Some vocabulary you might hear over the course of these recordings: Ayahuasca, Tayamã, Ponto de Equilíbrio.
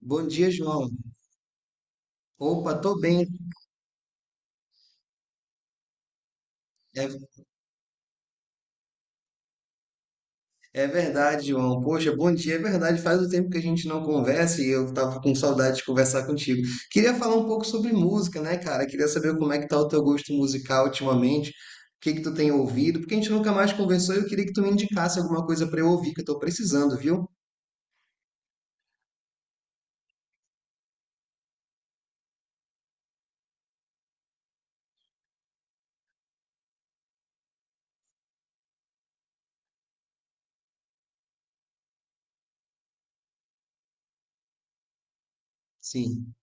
Bom dia, João. Opa, tô bem. É, é verdade, João. Poxa, bom dia, é verdade. Faz um tempo que a gente não conversa e eu tava com saudade de conversar contigo. Queria falar um pouco sobre música, né, cara? Queria saber como é que tá o teu gosto musical ultimamente, o que que tu tem ouvido, porque a gente nunca mais conversou e eu queria que tu me indicasse alguma coisa pra eu ouvir, que eu tô precisando, viu? Sim.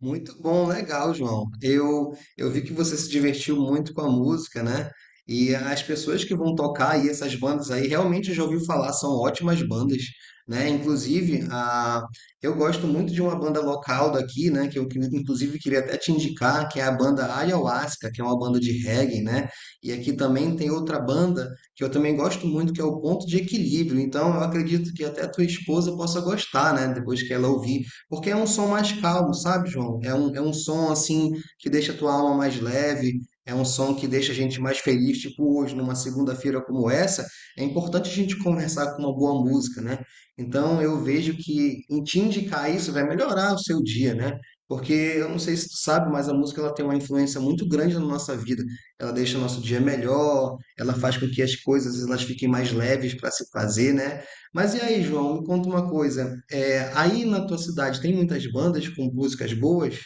Muito bom, legal, João. Eu vi que você se divertiu muito com a música, né? E as pessoas que vão tocar aí, essas bandas aí, realmente eu já ouvi falar, são ótimas bandas, né? Eu gosto muito de uma banda local daqui, né? Inclusive, queria até te indicar, que é a banda Ayahuasca, que é uma banda de reggae, né? E aqui também tem outra banda que eu também gosto muito, que é o Ponto de Equilíbrio. Então, eu acredito que até tua esposa possa gostar, né? Depois que ela ouvir, porque é um som mais calmo, sabe, João? É um som assim que deixa a tua alma mais leve, é um som que deixa a gente mais feliz, tipo hoje, numa segunda-feira como essa, é importante a gente conversar com uma boa música, né? Então eu vejo que em te indicar isso vai melhorar o seu dia, né? Porque eu não sei se tu sabe, mas a música ela tem uma influência muito grande na nossa vida. Ela deixa o nosso dia melhor, ela faz com que as coisas elas fiquem mais leves para se fazer, né? Mas e aí, João, me conta uma coisa. Aí na tua cidade tem muitas bandas com músicas boas?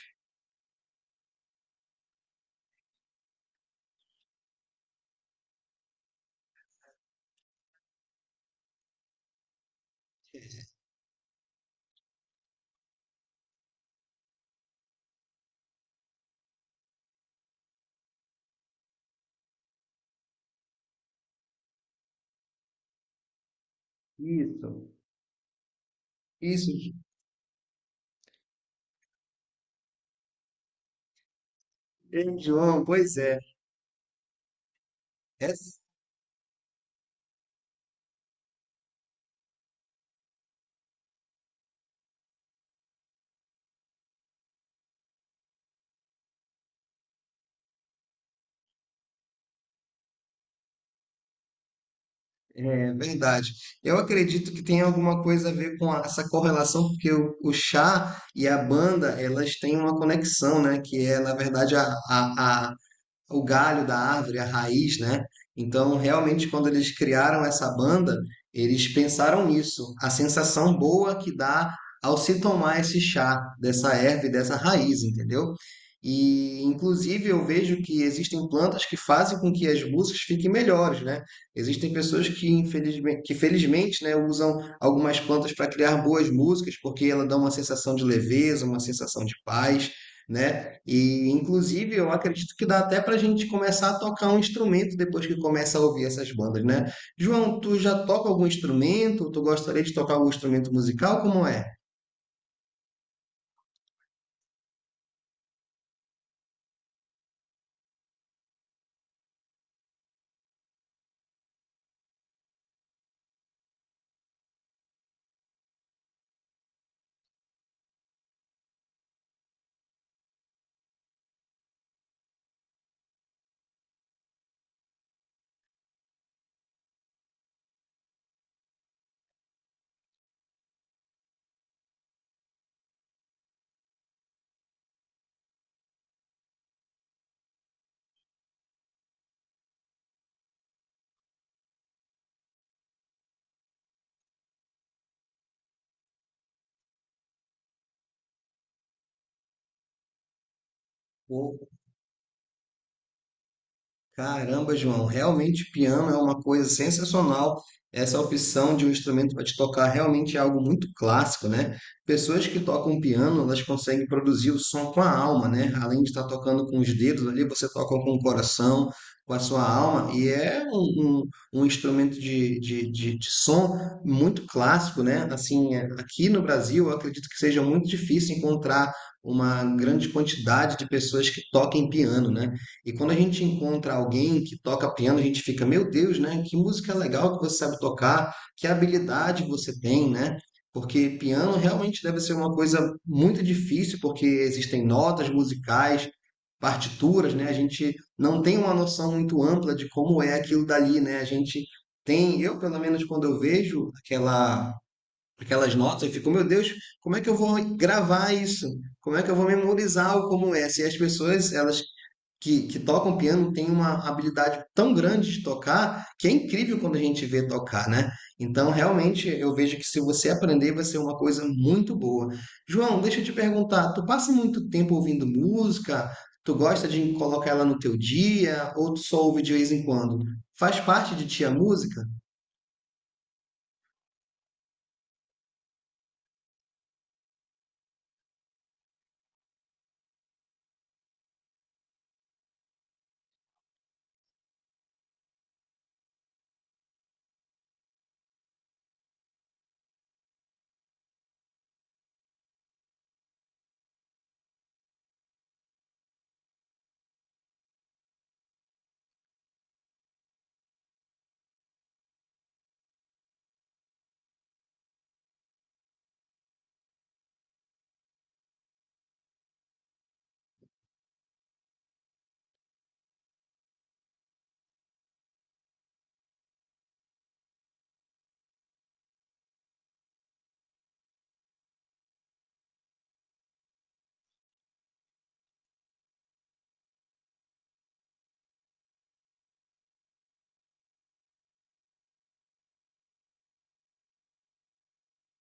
Isso, isso. Ei, João, pois é. Essa é verdade. Eu acredito que tem alguma coisa a ver com essa correlação, porque o chá e a banda, elas têm uma conexão, né? Que é, na verdade, a, o galho da árvore, a raiz, né? Então, realmente, quando eles criaram essa banda, eles pensaram nisso, a sensação boa que dá ao se tomar esse chá dessa erva e dessa raiz, entendeu? E, inclusive, eu vejo que existem plantas que fazem com que as músicas fiquem melhores, né? Existem pessoas que, infelizmente, que felizmente, né, usam algumas plantas para criar boas músicas, porque ela dá uma sensação de leveza, uma sensação de paz, né? E inclusive eu acredito que dá até para a gente começar a tocar um instrumento depois que começa a ouvir essas bandas, né? João, tu já toca algum instrumento? Tu gostaria de tocar algum instrumento musical? Como é? Caramba, João, realmente piano é uma coisa sensacional. Essa opção de um instrumento para te tocar realmente é algo muito clássico, né? Pessoas que tocam piano, elas conseguem produzir o som com a alma, né? Além de estar tocando com os dedos ali, você toca com o coração, com a sua alma, e é um instrumento de, de som muito clássico, né? Assim, é, aqui no Brasil, eu acredito que seja muito difícil encontrar uma grande quantidade de pessoas que toquem piano, né? E quando a gente encontra alguém que toca piano, a gente fica, meu Deus, né? Que música legal que você sabe tocar, que habilidade você tem, né? Porque piano realmente deve ser uma coisa muito difícil, porque existem notas musicais, partituras, né? A gente não tem uma noção muito ampla de como é aquilo dali, né? A gente tem, eu pelo menos quando eu vejo aquela, aquelas notas, eu fico, meu Deus, como é que eu vou gravar isso? Como é que eu vou memorizar o como é? Se as pessoas, elas que tocam piano têm uma habilidade tão grande de tocar que é incrível quando a gente vê tocar, né? Então, realmente, eu vejo que se você aprender, vai ser uma coisa muito boa. João, deixa eu te perguntar, tu passa muito tempo ouvindo música? Tu gosta de colocar ela no teu dia? Ou tu só ouve de vez em quando? Faz parte de ti a música?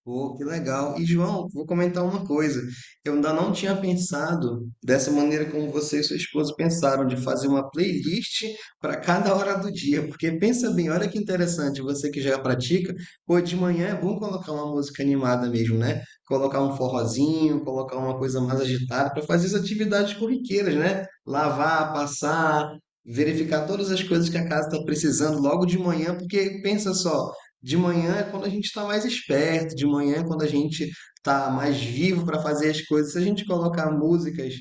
Pô, que legal. E, João, vou comentar uma coisa. Eu ainda não tinha pensado dessa maneira como você e sua esposa pensaram, de fazer uma playlist para cada hora do dia. Porque pensa bem, olha que interessante, você que já pratica, pô, de manhã é bom colocar uma música animada mesmo, né? Colocar um forrozinho, colocar uma coisa mais agitada para fazer as atividades corriqueiras, né? Lavar, passar. Verificar todas as coisas que a casa está precisando logo de manhã, porque pensa só. De manhã é quando a gente está mais esperto, de manhã é quando a gente está mais vivo para fazer as coisas. Se a gente colocar músicas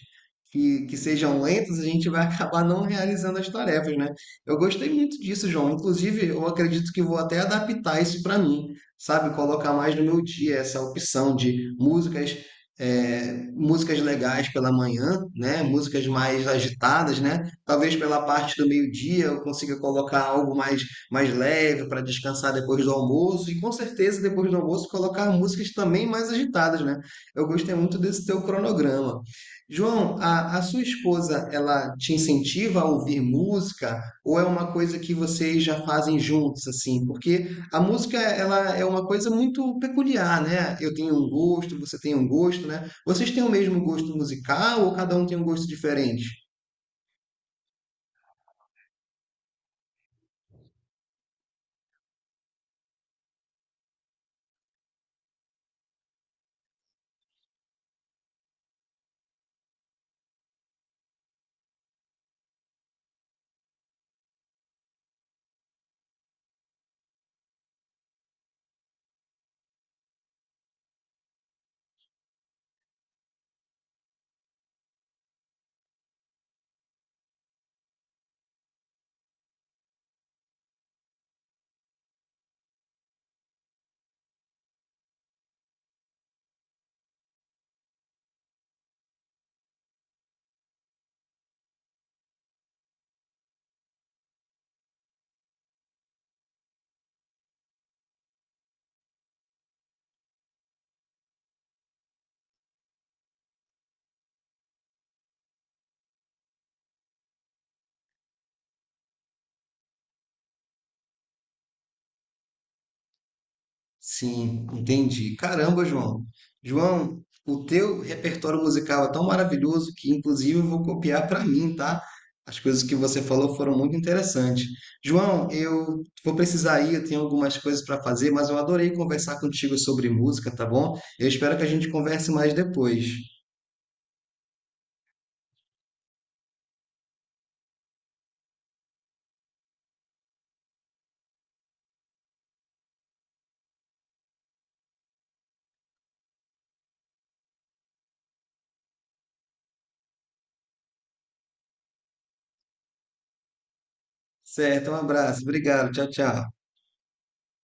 que sejam lentas, a gente vai acabar não realizando as tarefas, né? Eu gostei muito disso, João. Inclusive, eu acredito que vou até adaptar isso para mim, sabe? Colocar mais no meu dia essa opção de músicas, músicas legais pela manhã, né? Músicas mais agitadas, né? Talvez pela parte do meio-dia eu consiga colocar algo mais leve para descansar depois do almoço e com certeza depois do almoço colocar músicas também mais agitadas, né? Eu gostei muito desse teu cronograma. João, a sua esposa, ela te incentiva a ouvir música ou é uma coisa que vocês já fazem juntos, assim? Porque a música, ela é uma coisa muito peculiar, né? Eu tenho um gosto, você tem um gosto, né? Vocês têm o mesmo gosto musical ou cada um tem um gosto diferente? Sim, entendi. Caramba, João. João, o teu repertório musical é tão maravilhoso que, inclusive, eu vou copiar para mim, tá? As coisas que você falou foram muito interessantes. João, eu vou precisar ir, eu tenho algumas coisas para fazer, mas eu adorei conversar contigo sobre música, tá bom? Eu espero que a gente converse mais depois. Certo, um abraço. Obrigado. Tchau, tchau.